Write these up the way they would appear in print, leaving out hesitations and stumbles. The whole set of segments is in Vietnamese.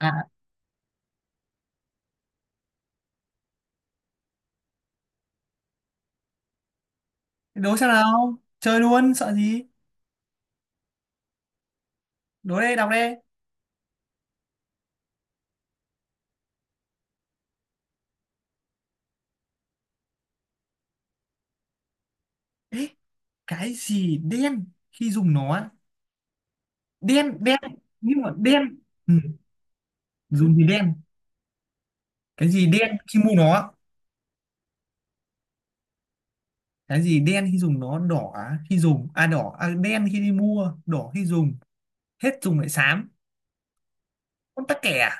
À, đố xem nào. Chơi luôn, sợ gì. Đố đây, đọc đây. Ê, cái gì đen khi dùng nó á? Đen đen. Nhưng mà đen, ừ. Dùng gì đen? Cái gì đen khi mua nó? Cái gì đen khi dùng nó? Đỏ á, khi dùng. À đỏ à, đen khi đi mua, đỏ khi dùng, hết dùng lại xám. Con tắc kè à?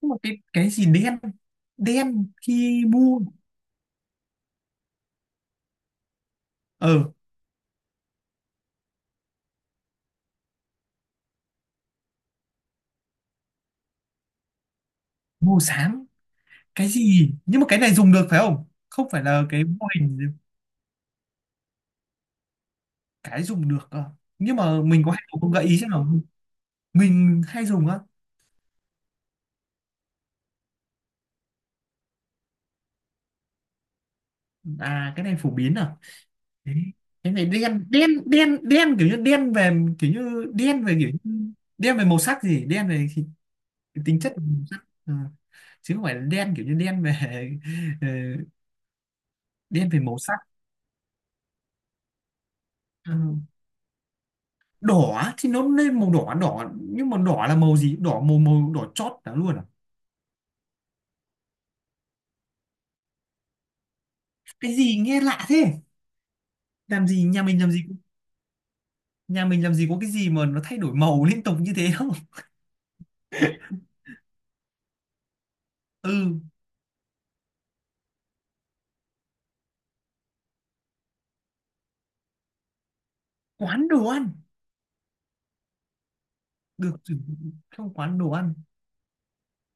Nhưng mà cái gì đen? Đen khi mua. Ờ. Mua xám. Cái gì? Nhưng mà cái này dùng được phải không? Không phải là cái mô hình? Cái dùng được cơ. Nhưng mà mình có hay dùng không, gợi ý xem nào. Mình hay dùng á? À cái này phổ biến à? Thế- cái này đen đen đen đen, kiểu như đen về, kiểu như đen về, kiểu như đen về màu sắc gì, cái tính chất của màu sắc. Ờ, chứ không phải là đen kiểu như đen về, ờ, đen về màu sắc. Ờ, đỏ thì nó lên màu đỏ đỏ, nhưng mà đỏ là màu gì, đỏ màu, màu đỏ chót đó luôn à? Cái gì nghe lạ thế. Làm gì, nhà mình làm gì, nhà mình làm gì có cái gì mà nó thay đổi màu liên tục như thế đâu. Ừ. Quán đồ ăn. Được sử dụng trong quán đồ ăn.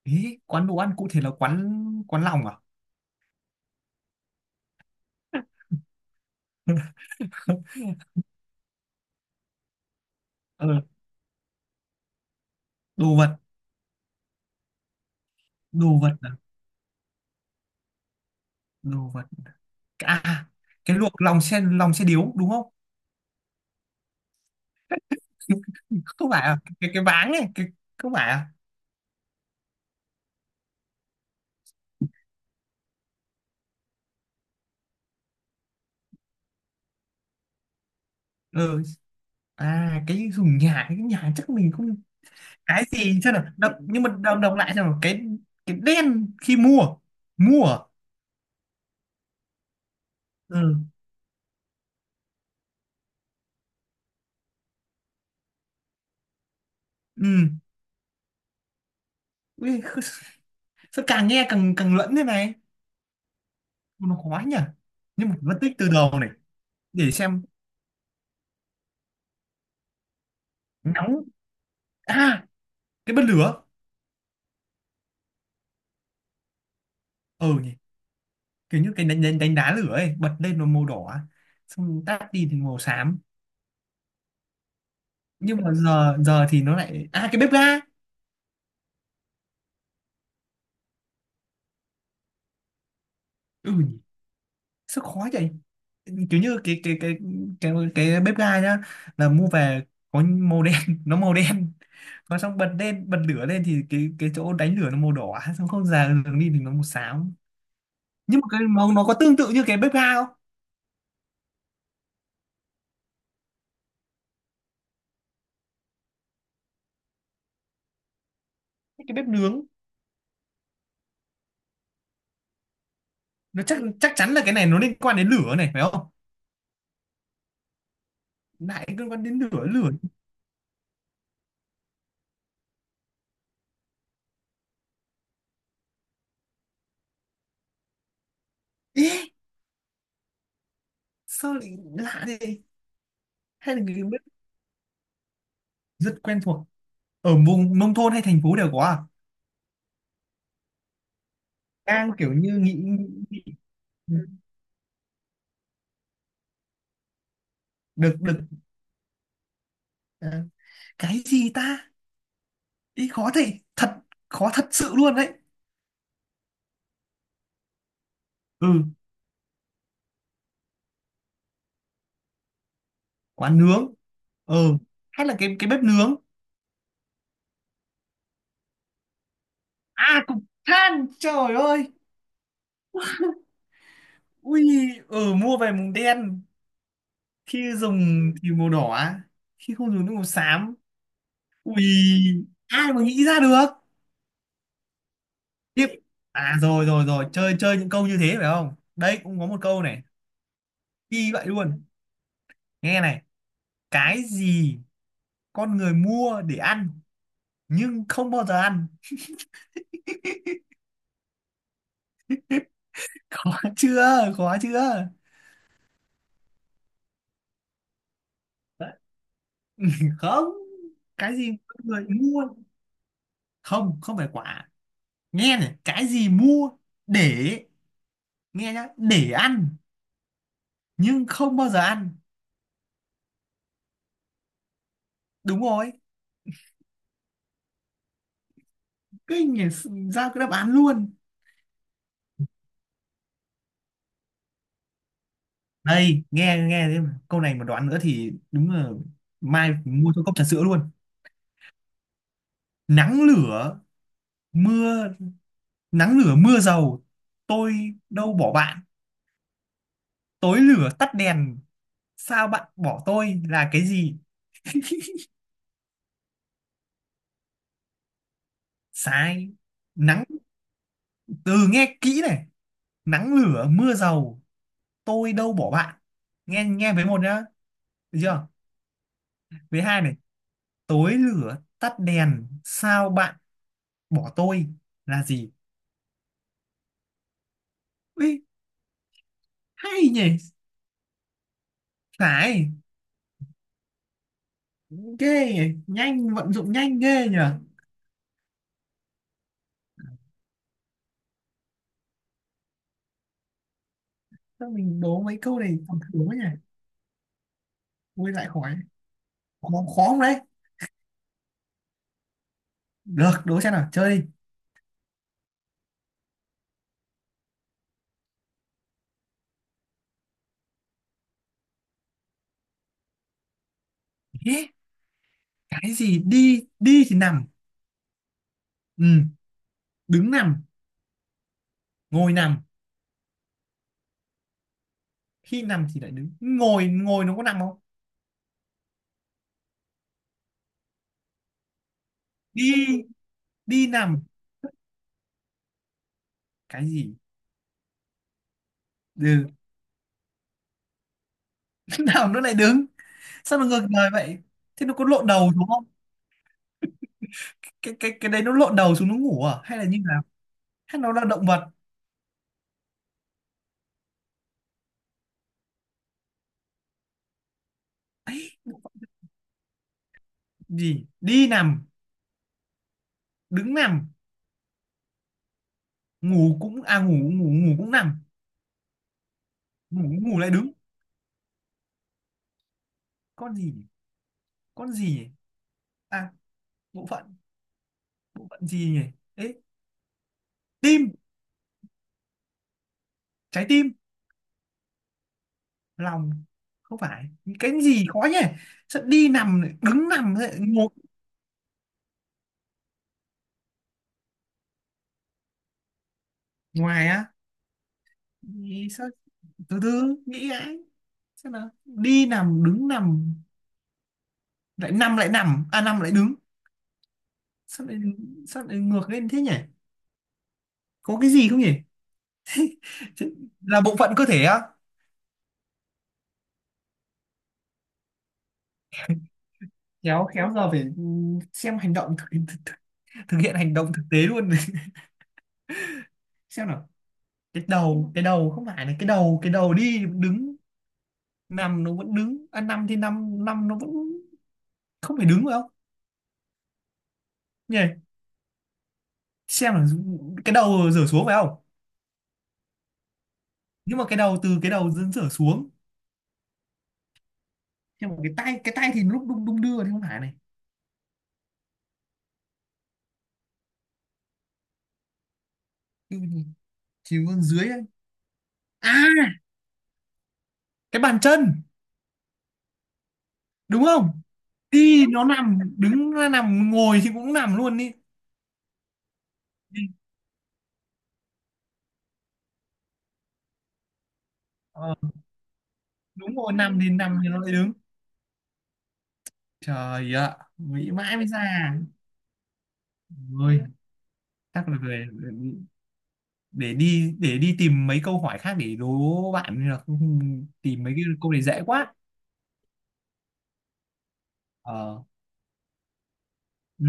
Ý quán đồ ăn cụ thể là quán, quán lòng à? Ờ, đồ vật. Đồ vật à? Đồ vật à? Cái luộc lòng, xe lòng, xe điếu đúng không? Không phải à? Cái váng này cái. Không phải à? Ừ. À cái dùng nhà, cái nhà chắc mình không. Cái gì xem nào, đọc, nhưng mà đọc, đọc lại xem nào cái đen khi mua. Mua à? Ừ. Ừ. Ui, sao càng nghe càng càng lẫn thế này, nó khó nhỉ. Nhưng mà phải phân tích từ đầu này. Để xem. Nóng à? Cái bật lửa. Ừ nhỉ. Kiểu như cái đánh, đánh, đánh đá lửa ấy, bật lên nó màu đỏ, xong tắt đi thì màu xám. Nhưng mà giờ, giờ thì nó lại, à cái bếp ga. Ừ nhỉ. Sao khó vậy. Kiểu như cái cái bếp ga nhá, là mua về có màu đen, nó màu đen. Còn xong bật lên, bật lửa lên thì cái chỗ đánh lửa nó màu đỏ, xong không già đường đi thì nó màu xám. Nhưng mà cái màu nó có tương tự như cái bếp ga không? Cái bếp nướng. Nó chắc, chắc chắn là cái này nó liên quan đến lửa này phải không? Lại liên quan đến lửa, lửa. Ê, sao lại lạ thế. Hay là người bếp. Rất quen thuộc. Ở vùng nông thôn hay thành phố đều có à? Đang kiểu như nghĩ, nghĩ. Được, được. À, cái gì ta. Ý khó thế thật, khó thật sự luôn đấy. Ừ. Quán nướng. Ừ. Hay là cái bếp nướng. À cục than, trời ơi. Ui. Ừ, mua về mùng đen, khi dùng thì màu đỏ, khi không dùng nước màu xám. Ui, ai mà nghĩ ra được? Tiếp. À rồi rồi rồi, chơi chơi những câu như thế phải không? Đây cũng có một câu này, y vậy luôn. Nghe này, cái gì con người mua để ăn nhưng không bao giờ ăn? Khó chưa? Khó chưa? Không, cái gì con người mua? Không, không phải quả. Nghe này, cái gì mua để, nghe nhá, để ăn nhưng không bao giờ ăn. Đúng rồi. Kinh nhỉ, ra cái đáp án luôn. Đây nghe nghe thế mà, câu này mà đoán nữa thì đúng là mai mua cho cốc trà sữa luôn. Nắng lửa mưa, nắng lửa mưa dầu, tôi đâu bỏ bạn, tối lửa tắt đèn sao bạn bỏ tôi là cái gì? Sai. Nắng, từ nghe kỹ này: nắng lửa mưa dầu, tôi đâu bỏ bạn, nghe nghe với một nhá, được chưa, với hai này: tối lửa tắt đèn sao bạn bỏ tôi, là gì? Ui, hay nhỉ. Phải. Ghê nhỉ, nhanh, vận dụng nhanh ghê nhỉ. Sao mình đố mấy câu này còn thử quá nhỉ. Ui lại khỏi, khó khó không đấy? Được, đố xem nào, chơi đi. Ê, cái gì đi, đi thì nằm. Ừ, đứng nằm. Ngồi nằm. Khi nằm thì lại đứng? Ngồi, ngồi nó có nằm không? Đi. Đi nằm. Cái gì. Ừ. Nào nó lại đứng. Sao nó ngược đời vậy. Thế nó có lộn đầu đúng không? Cái đấy nó lộn đầu xuống nó ngủ à hay là như nào? Hay nó là động vật? Gì đi nằm, đứng nằm, ngủ cũng à, ngủ, ngủ cũng nằm. Ngủ ngủ lại đứng. Con gì nhỉ? Con gì nhỉ? À, bộ phận. Bộ phận gì nhỉ, ấy. Tim, trái tim. Lòng. Không phải. Cái gì khó nhỉ. Sao đi nằm, lại đứng nằm, lại ngồi. Ngoài á. Nghĩ sao. Từ từ nghĩ lại. Sao nào, đi nằm, đứng nằm, lại nằm, lại nằm, à nằm lại đứng. Sao lại, sao lại ngược lên thế nhỉ. Có cái gì không nhỉ. Chứ- là bộ phận cơ thể á? Khéo khéo giờ phải, ừ, xem hành động thực, thực hiện hành động thực tế luôn. Xem nào. Cái đầu, cái đầu, không phải là cái đầu, cái đầu đi đứng nằm nó vẫn đứng à, năm thì năm năm nó vẫn không phải đứng phải không nhỉ? Xem là cái đầu rửa xuống phải không? Nhưng mà cái đầu, từ cái đầu dẫn rửa xuống. Nhưng mà cái tay, cái tay thì lúc đung, đung đưa thì không phải này. Chứ chỉ còn dưới ấy. À, cái bàn chân đúng không? Đi nó nằm, đứng nó nằm, ngồi thì cũng nằm luôn. Đi. Đi. Ờ. Đúng rồi, nằm thì, nằm thì nó lại đứng. Trời ạ, nghĩ mãi mới ra. Ôi, chắc là về để đi, để đi tìm mấy câu hỏi khác để đố bạn, nên là tìm mấy cái câu này dễ quá. Ờ. Ừ.